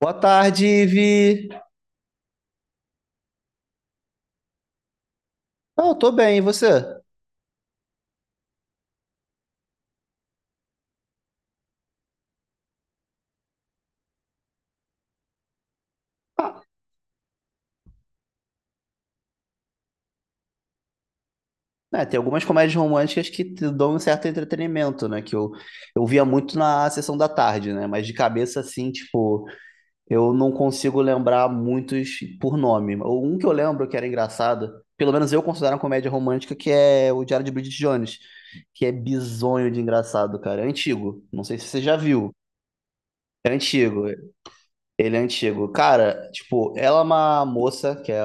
Boa tarde, Ivi. Ah, eu tô bem, e você? É, tem algumas comédias românticas que te dão um certo entretenimento, né? Que eu via muito na sessão da tarde, né? Mas de cabeça, assim, tipo, eu não consigo lembrar muitos por nome. Um que eu lembro que era engraçado, pelo menos eu considero uma comédia romântica, que é o Diário de Bridget Jones, que é bizonho de engraçado, cara. É antigo. Não sei se você já viu. É antigo. Ele é antigo. Cara, tipo, ela é uma moça, que é,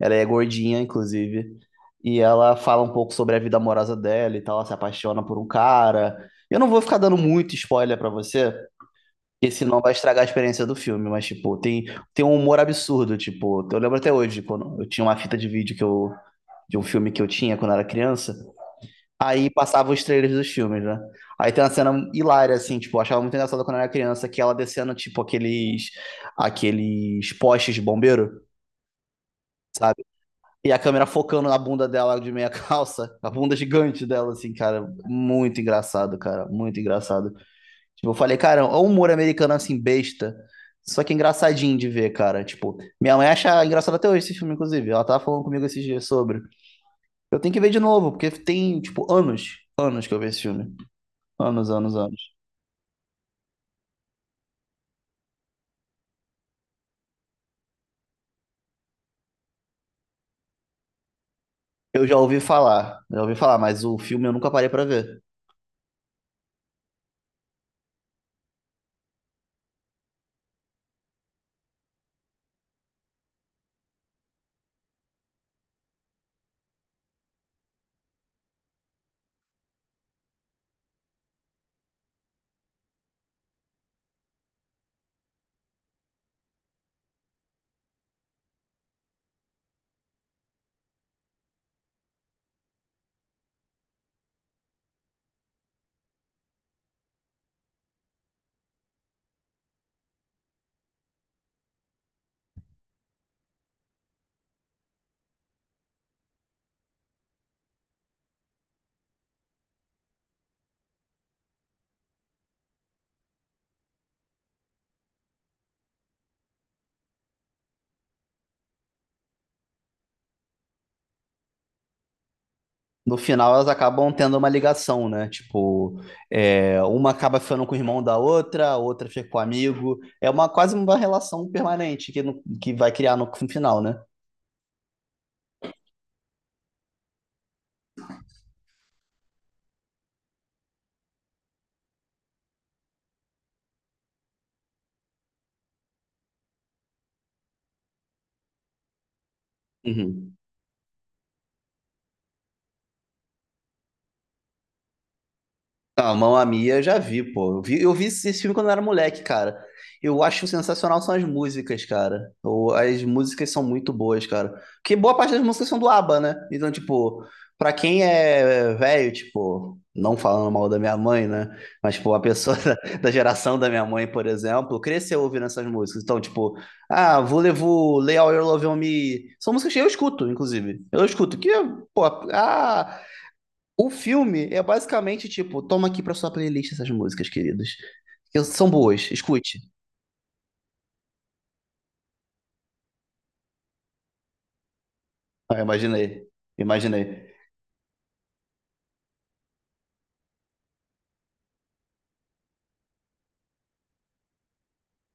ela é gordinha, inclusive, e ela fala um pouco sobre a vida amorosa dela e tal, ela se apaixona por um cara. Eu não vou ficar dando muito spoiler pra você, porque senão vai estragar a experiência do filme, mas, tipo, tem, tem um humor absurdo, tipo, eu lembro até hoje, quando eu tinha uma fita de vídeo que eu, de um filme que eu tinha quando eu era criança. Aí passava os trailers dos filmes, né? Aí tem uma cena hilária, assim, tipo, eu achava muito engraçado quando eu era criança, que ela descendo, tipo, aqueles, aqueles postes de bombeiro, sabe? E a câmera focando na bunda dela de meia calça, a bunda gigante dela, assim, cara, muito engraçado, cara, muito engraçado. Tipo, eu falei, cara, o humor americano, assim, besta, só que engraçadinho de ver, cara. Tipo, minha mãe acha engraçado até hoje esse filme, inclusive. Ela tava falando comigo esses dias sobre. Eu tenho que ver de novo, porque tem, tipo, anos, anos que eu vi esse filme. Anos, anos, anos. Eu já ouvi falar, mas o filme eu nunca parei pra ver. No final elas acabam tendo uma ligação, né? Tipo, é, uma acaba ficando com o irmão da outra, a outra fica com o amigo. É uma quase uma relação permanente que, no- que vai criar no, no final, né? Uhum. Ah, Mamma Mia eu já vi, pô. Eu vi esse filme quando eu era moleque, cara. Eu acho sensacional são as músicas, cara. Ou as músicas são muito boas, cara. Porque boa parte das músicas são do ABBA, né? Então, tipo, pra quem é velho, tipo, não falando mal da minha mãe, né? Mas, tipo, a pessoa da geração da minha mãe, por exemplo, cresceu ouvindo essas músicas. Então, tipo, ah, Voulez-vous, Lay All Your Love on Me. São músicas que eu escuto, inclusive. Eu escuto. Que, pô, ah, o filme é basicamente tipo, toma aqui pra sua playlist essas músicas, queridos. Que são boas, escute. Ah, imaginei, imaginei.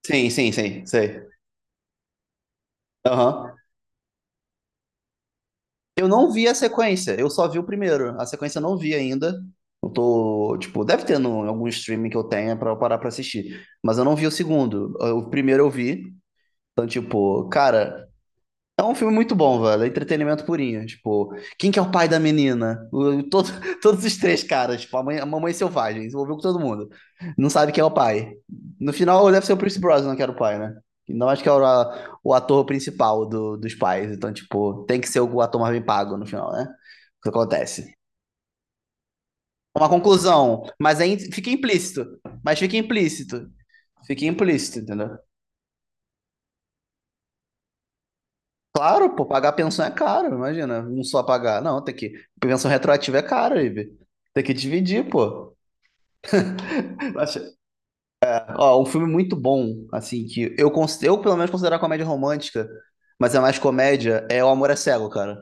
Sim, sim, sim, sei. Aham. Eu não vi a sequência, eu só vi o primeiro. A sequência eu não vi ainda. Eu tô, tipo, deve ter no, em algum streaming que eu tenha pra eu parar pra assistir. Mas eu não vi o segundo. O primeiro eu vi. Então, tipo, cara, é um filme muito bom, velho. É entretenimento purinho. Tipo, quem que é o pai da menina? O- todo- todos os três caras. Tipo, a, mãe, a mamãe selvagem. Se envolveu com todo mundo. Não sabe quem é o pai. No final, deve ser o Pierce Brosnan que era o pai, né? E não acho que era o a- o ator principal do- dos pais. Então, tipo, tem que ser o ator mais bem pago no final, né? O que acontece. Uma conclusão. Mas aí fica implícito. Mas fica implícito. Fica implícito, entendeu? Claro, pô, pagar pensão é caro, imagina, não só pagar. Não, tem que. Pensão retroativa é caro, Ibe. Tem que dividir, pô. Acho- ó, um filme muito bom, assim, que eu, cons- eu pelo menos considero comédia romântica, mas é mais comédia, é O Amor é Cego, cara.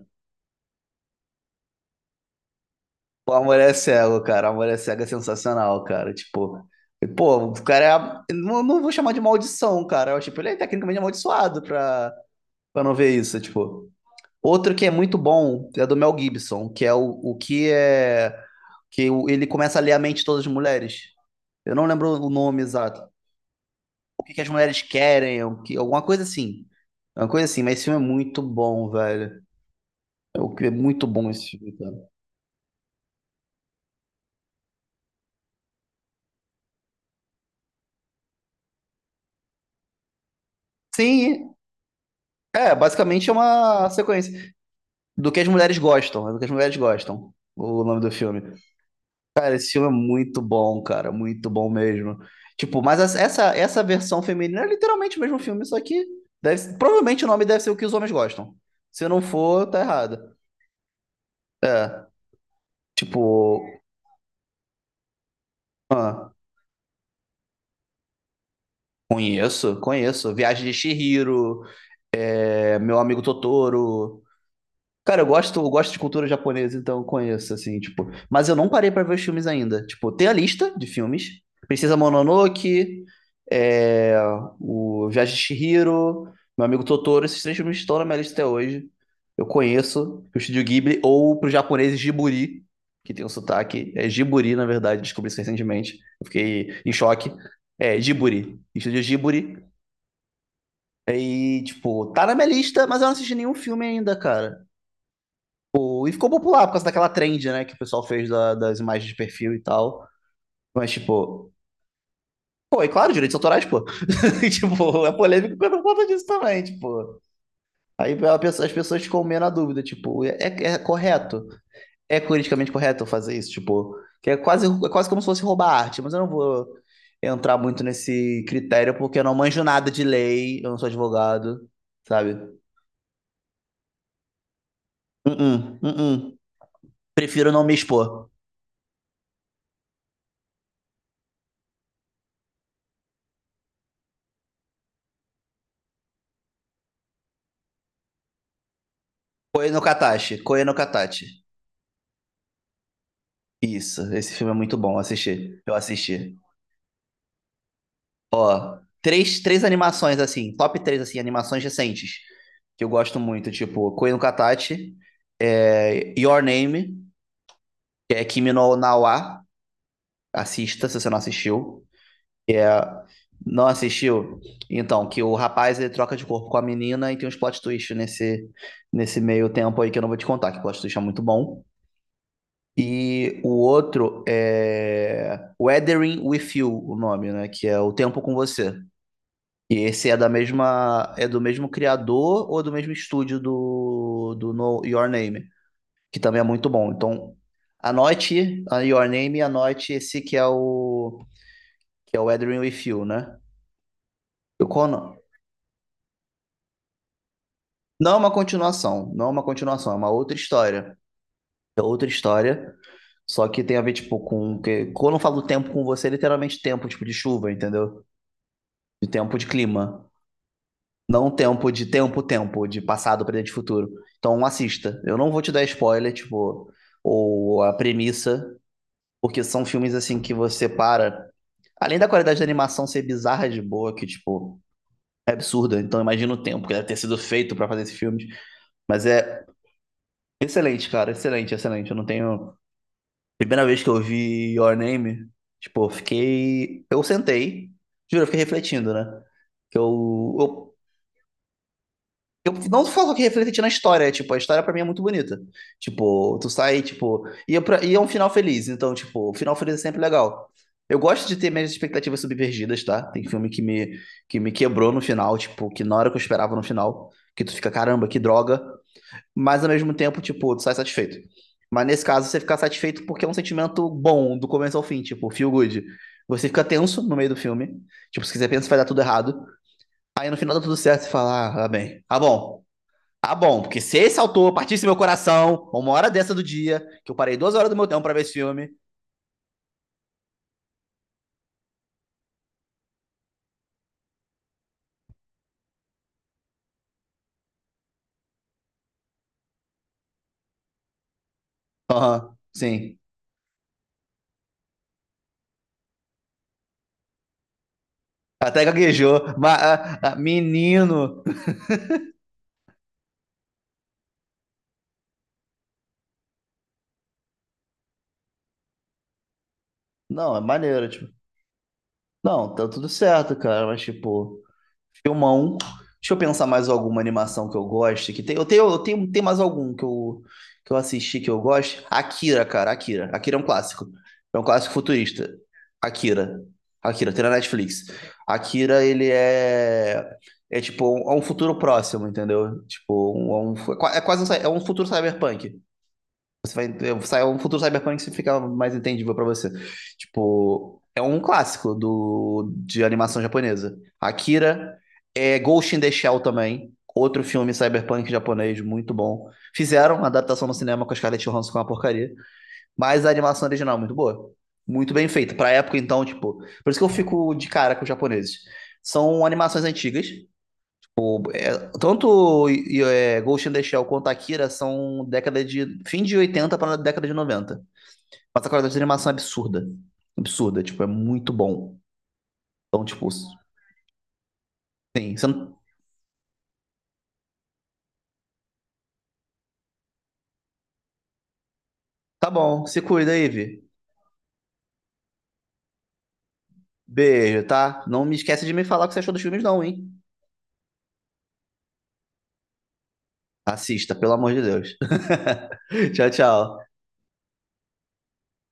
O Amor é Cego, cara. O Amor é Cego é sensacional, cara. Tipo, pô, o cara é. A- Não, não vou chamar de maldição, cara. Eu, tipo, ele é tecnicamente amaldiçoado pra, pra não ver isso, tipo. Outro que é muito bom é do Mel Gibson, que é o que é. Que o- ele começa a ler a mente de todas as mulheres. Eu não lembro o nome exato. O que que as mulheres querem, o que, alguma coisa assim. É uma coisa assim, mas esse filme é muito bom, velho. É o que- é muito bom esse filme, cara. Sim, é, basicamente é uma sequência do que as mulheres gostam, é do que as mulheres gostam, o nome do filme. Cara, esse filme é muito bom, cara, muito bom mesmo. Tipo, mas as- essa versão feminina é literalmente o mesmo filme, só que deve- provavelmente o nome deve ser o que os homens gostam. Se não for, tá errado. É. Tipo, ah, conheço, conheço. Viagem de Chihiro, é, Meu Amigo Totoro. Cara, eu gosto de cultura japonesa, então eu conheço, assim, tipo. Mas eu não parei pra ver os filmes ainda. Tipo, tem a lista de filmes. Princesa Mononoke, é, o Viagem de Chihiro, Meu Amigo Totoro. Esses três filmes estão na minha lista até hoje. Eu conheço o Estúdio Ghibli, ou pro japonês Jiburi, que tem um sotaque. É Jiburi, na verdade, descobri isso recentemente. Eu fiquei em choque. É, Jiburi. Estúdio Jiburi. E, tipo, tá na minha lista, mas eu não assisti nenhum filme ainda, cara. E ficou popular por causa daquela trend, né, que o pessoal fez da- das imagens de perfil e tal. Mas, tipo, pô, e claro, direitos autorais, pô. tipo, é polêmico por conta disso também, tipo. Aí a pessoa- as pessoas ficam meio na dúvida, tipo, é, é correto? É politicamente correto eu fazer isso? Tipo, que é quase como se fosse roubar arte, mas eu não vou entrar muito nesse critério porque eu não manjo nada de lei, eu não sou advogado, sabe? Uh-uh, uh-uh. Prefiro não me expor. Koe no Katachi, Koe no Katachi. Isso, esse filme é muito bom assistir. Eu assisti. Ó, três, três animações assim, top três assim, animações recentes que eu gosto muito, tipo Koi no Katachi, é, Your Name, que é Kimi no Na wa, assista se você não assistiu. É, não assistiu? Então, que o rapaz ele troca de corpo com a menina e tem uns plot twist nesse nesse meio tempo aí que eu não vou te contar, que o plot twist é muito bom. E o outro é Weathering with You, o nome, né? Que é O Tempo com Você. E esse é da mesma, é do mesmo criador ou do mesmo estúdio do, do no, Your Name, que também é muito bom. Então, anote a Your Name e anote esse que é o Weathering with You, né? Eu, não, não é uma continuação, não é uma continuação, é uma outra história. É outra história. Só que tem a ver, tipo, com. Que, quando eu falo tempo com você, é literalmente tempo, tipo, de chuva, entendeu? De tempo de clima. Não tempo de tempo, tempo, de passado, presente e futuro. Então assista. Eu não vou te dar spoiler, tipo, ou a premissa, porque são filmes assim que você para. Além da qualidade da animação ser bizarra de boa, que, tipo, é absurda. Então imagina o tempo que deve ter sido feito para fazer esse filme. Mas é excelente, cara. Excelente, excelente. Eu não tenho. Primeira vez que eu vi Your Name, tipo, eu fiquei. Eu sentei. Juro, eu fiquei refletindo, né? Que eu eu não falo que reflete na história, é, tipo, a história pra mim é muito bonita. Tipo, tu sai, tipo, e é, pra- e é um final feliz, então, tipo, o final feliz é sempre legal. Eu gosto de ter minhas expectativas subvergidas, tá? Tem filme que me quebrou no final, tipo, que na hora que eu esperava no final, que tu fica, caramba, que droga, mas ao mesmo tempo, tipo, tu sai satisfeito. Mas nesse caso, você fica satisfeito porque é um sentimento bom, do começo ao fim, tipo, feel good. Você fica tenso no meio do filme, tipo, se quiser pensa, vai dar tudo errado. Aí no final dá tudo certo, você fala, ah, tá bem, tá bom. Tá bom, porque se esse autor partisse do meu coração, uma hora dessa do dia, que eu parei duas horas do meu tempo pra ver esse filme. Aham, sim. Até gaguejou. Ma ah, ah, menino. Não, é maneiro, tipo. Não, tá tudo certo, cara, mas tipo. Filmão. Deixa eu pensar mais alguma animação que eu goste. Que tem, eu tenho, tem mais algum que eu assisti que eu gosto. Akira, cara, Akira. Akira é um clássico. É um clássico futurista. Akira. Akira, tem na Netflix. Akira, ele é. É tipo, um- é um futuro próximo, entendeu? Tipo, um, é quase um, cy- é um futuro cyberpunk. Você vai, sai um futuro cyberpunk que fica mais entendível pra você. Tipo, é um clássico do, de animação japonesa. Akira, é Ghost in the Shell também, outro filme cyberpunk japonês muito bom. Fizeram uma adaptação no cinema com a Scarlett Johansson com uma porcaria, mas a animação original é muito boa. Muito bem feita. Pra época, então, tipo. Por isso que eu fico de cara com os japoneses. São animações antigas, é, tanto e, é, Ghost in the Shell quanto Akira são década de fim de 80 para década de 90. Mas a qualidade de animação é absurda. Absurda, tipo, é muito bom. Então, tipo, sim, você não- tá bom, se cuida aí, Vi. Beijo, tá? Não me esquece de me falar o que você achou dos filmes não, hein? Assista, pelo amor de Deus. Tchau, tchau.